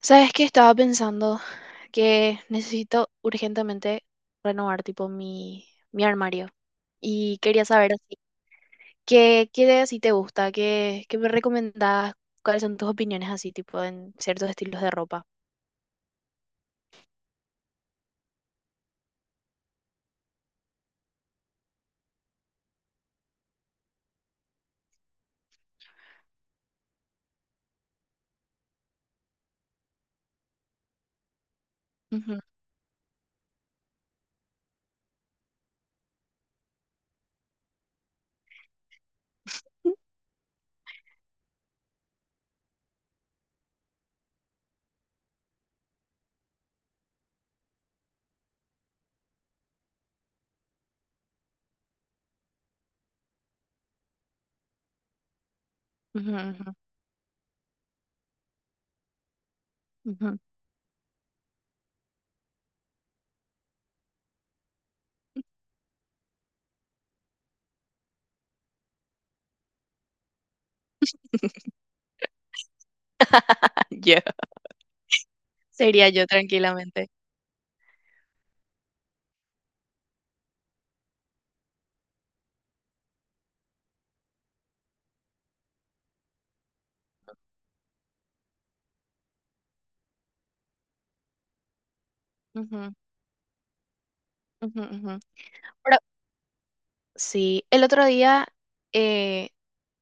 Sabes que estaba pensando que necesito urgentemente renovar tipo mi armario y quería saber así, qué de así te gusta, qué me recomendás, cuáles son tus opiniones así tipo en ciertos estilos de ropa. Ujú. Ujú, ujú, ujú. Ya. Sería yo tranquilamente. Ujú, ujú. Pero sí, el otro día eh,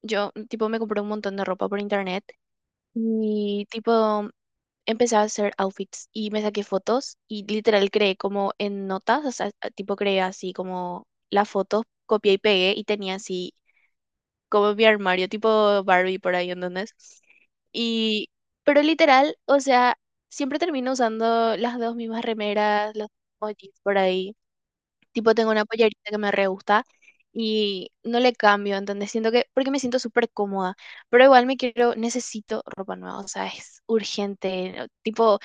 yo tipo me compré un montón de ropa por internet y tipo empecé a hacer outfits y me saqué fotos y literal creé como en notas, o sea, tipo creé así como las fotos, copié y pegué y tenía así como mi armario tipo Barbie por ahí, ¿entendés? Y pero literal, o sea, siempre termino usando las dos mismas remeras, los mismos jeans por ahí. Tipo, tengo una pollerita que me re gusta y no le cambio, ¿entendés? Siento que, porque me siento súper cómoda, pero igual me quiero, necesito ropa nueva, o sea, es urgente, ¿no? Tipo,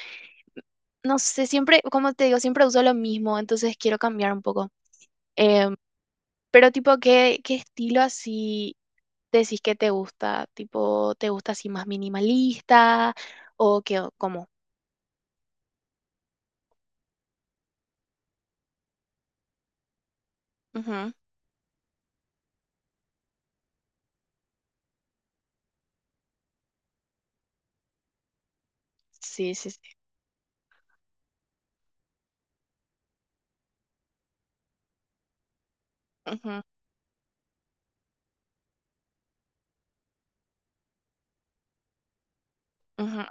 no sé, siempre, como te digo, siempre uso lo mismo, entonces quiero cambiar un poco. Em, pero tipo, ¿ qué estilo así decís que te gusta? Tipo, ¿te gusta así más minimalista o qué, o cómo? Ujú. Sí, sí. ujú, Ujú.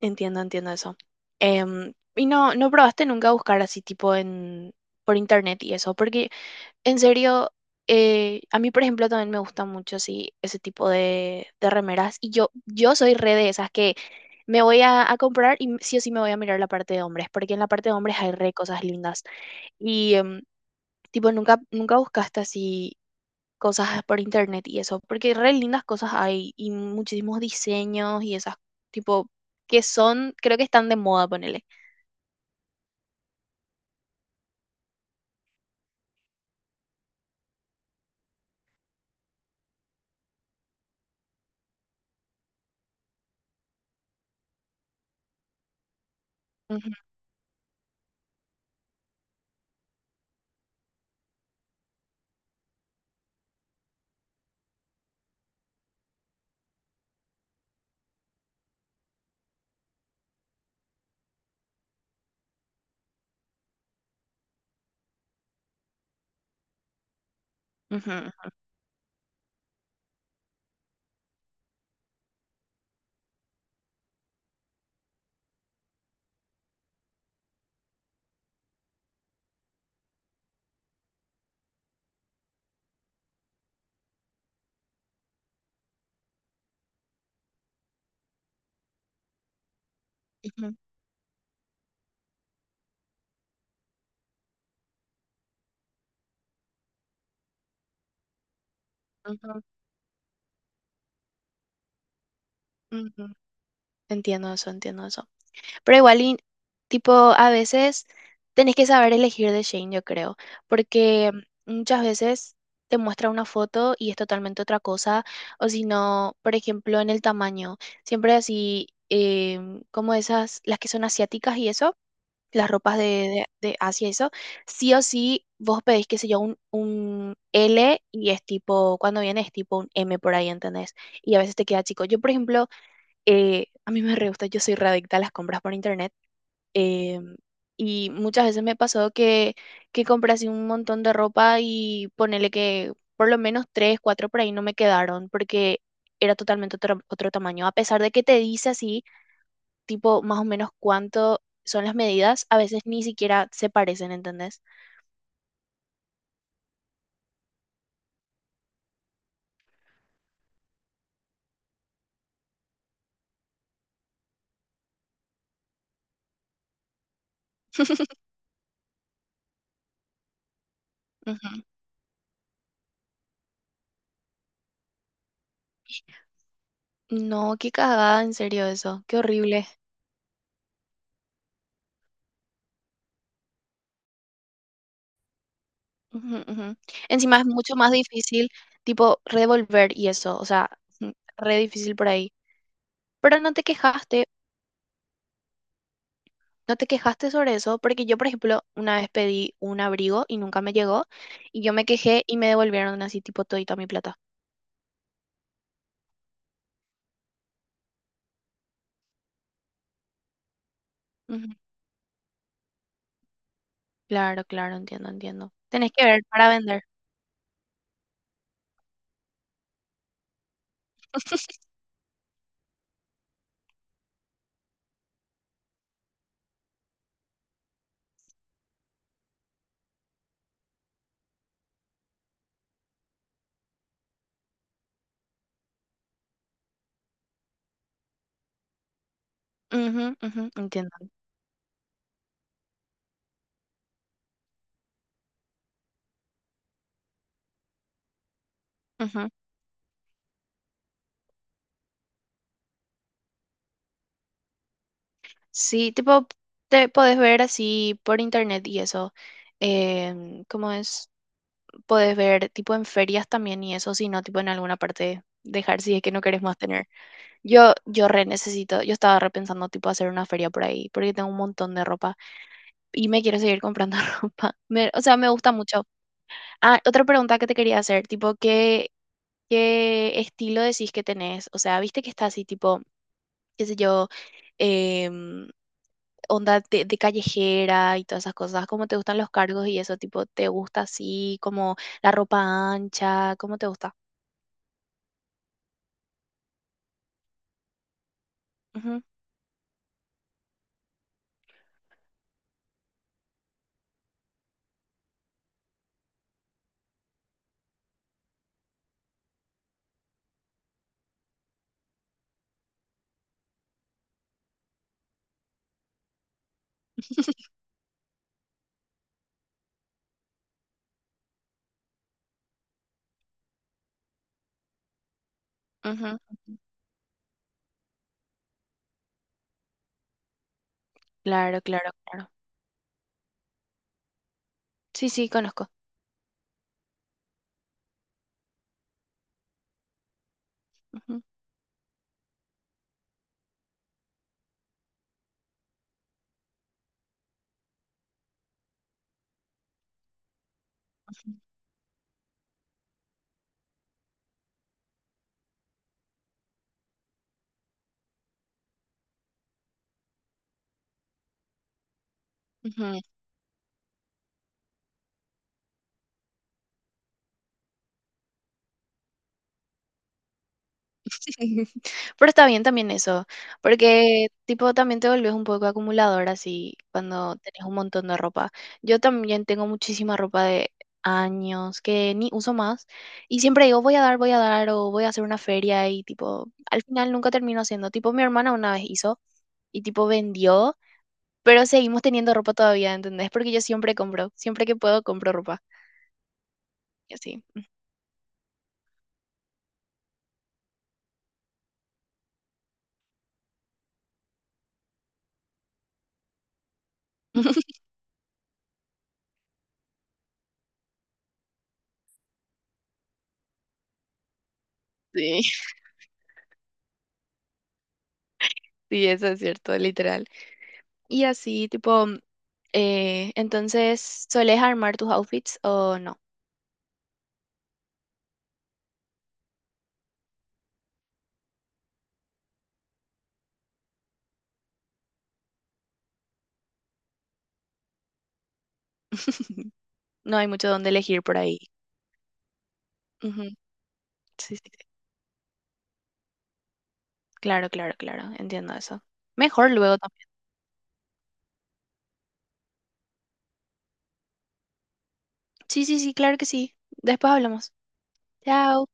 Entiendo, entiendo eso. Y no, no probaste nunca buscar así tipo en por internet y eso, porque en serio, a mí por ejemplo también me gusta mucho así ese tipo de remeras y yo soy re de esas que me voy a comprar y sí o sí me voy a mirar la parte de hombres, porque en la parte de hombres hay re cosas lindas y tipo nunca buscaste así cosas por internet y eso, porque re lindas cosas hay y muchísimos diseños y esas tipo que son, creo que están de moda, ponele. Ujú, ujú, ujú, ujú, ujú. Entiendo eso, entiendo eso. Pero igual, y tipo, a veces tenés que saber elegir de Shane, yo creo, porque muchas veces te muestra una foto y es totalmente otra cosa, o si no, por ejemplo, en el tamaño, siempre así, como esas, las que son asiáticas y eso las ropas de Asia y eso, sí o sí vos pedís, qué sé yo, un L y es tipo, cuando viene es tipo un M por ahí, ¿entendés? Y a veces te queda chico. Yo, por ejemplo, a mí me re gusta, yo soy re adicta a las compras por internet. Eh, y muchas veces me pasó que compré así un montón de ropa y ponele que por lo menos tres, cuatro por ahí no me quedaron porque era totalmente otro tamaño. A pesar de que te dice así tipo más o menos cuánto son las medidas, a veces ni siquiera se parecen, ¿entendés? Ujú. No, qué cagada, en serio eso, qué horrible. Ujú. Encima es mucho más difícil, tipo, revolver y eso, o sea, ujú, re difícil por ahí. Pero no te quejaste, no te quejaste sobre eso, porque yo, por ejemplo, una vez pedí un abrigo y nunca me llegó, y yo me quejé y me devolvieron así, tipo, todita mi plata. Ujú. Claro, claro, entiendo, entiendo. Tenés que ver para vender. Ujú, entiendo. Ujú. Sí, tipo, te podés ver así por internet y eso. ¿Cómo es? Podés ver tipo en ferias también y eso, si no, tipo en alguna parte dejar si es que no querés más tener. Yo re necesito, yo estaba repensando tipo hacer una feria por ahí, porque tengo un montón de ropa y me quiero seguir comprando ropa. Me- o sea, me gusta mucho. Ah, otra pregunta que te quería hacer, tipo, ¿qué estilo decís que tenés? O sea, viste que está así tipo, qué sé yo, em, onda de callejera y todas esas cosas? ¿Cómo te gustan los cargos y eso? Tipo, ¿te gusta así como la ropa ancha? ¿Cómo te gusta? Ujú, ujú. Claro, claro, claro. Sí, sí, conozco. Ujú, ujú. Pero está bien también eso, porque tipo también te volvés un poco acumulador así cuando tenés un montón de ropa. Yo también tengo muchísima ropa de años que ni uso más y siempre digo voy a dar o voy a hacer una feria y tipo al final nunca termino haciendo. Tipo mi hermana una vez hizo y tipo vendió, pero seguimos teniendo ropa todavía, ¿entendés? Porque yo siempre compro, siempre que puedo compro ropa y así. Sí, sí, eso es cierto, literal. Y así, tipo... entonces, ¿soles armar tus outfits o no? No hay mucho donde elegir por ahí. Ujú. Sí, sí. Claro, claro, claro. Entiendo eso. Mejor luego también. Sí, sí, claro que sí. Después hablamos. Chao.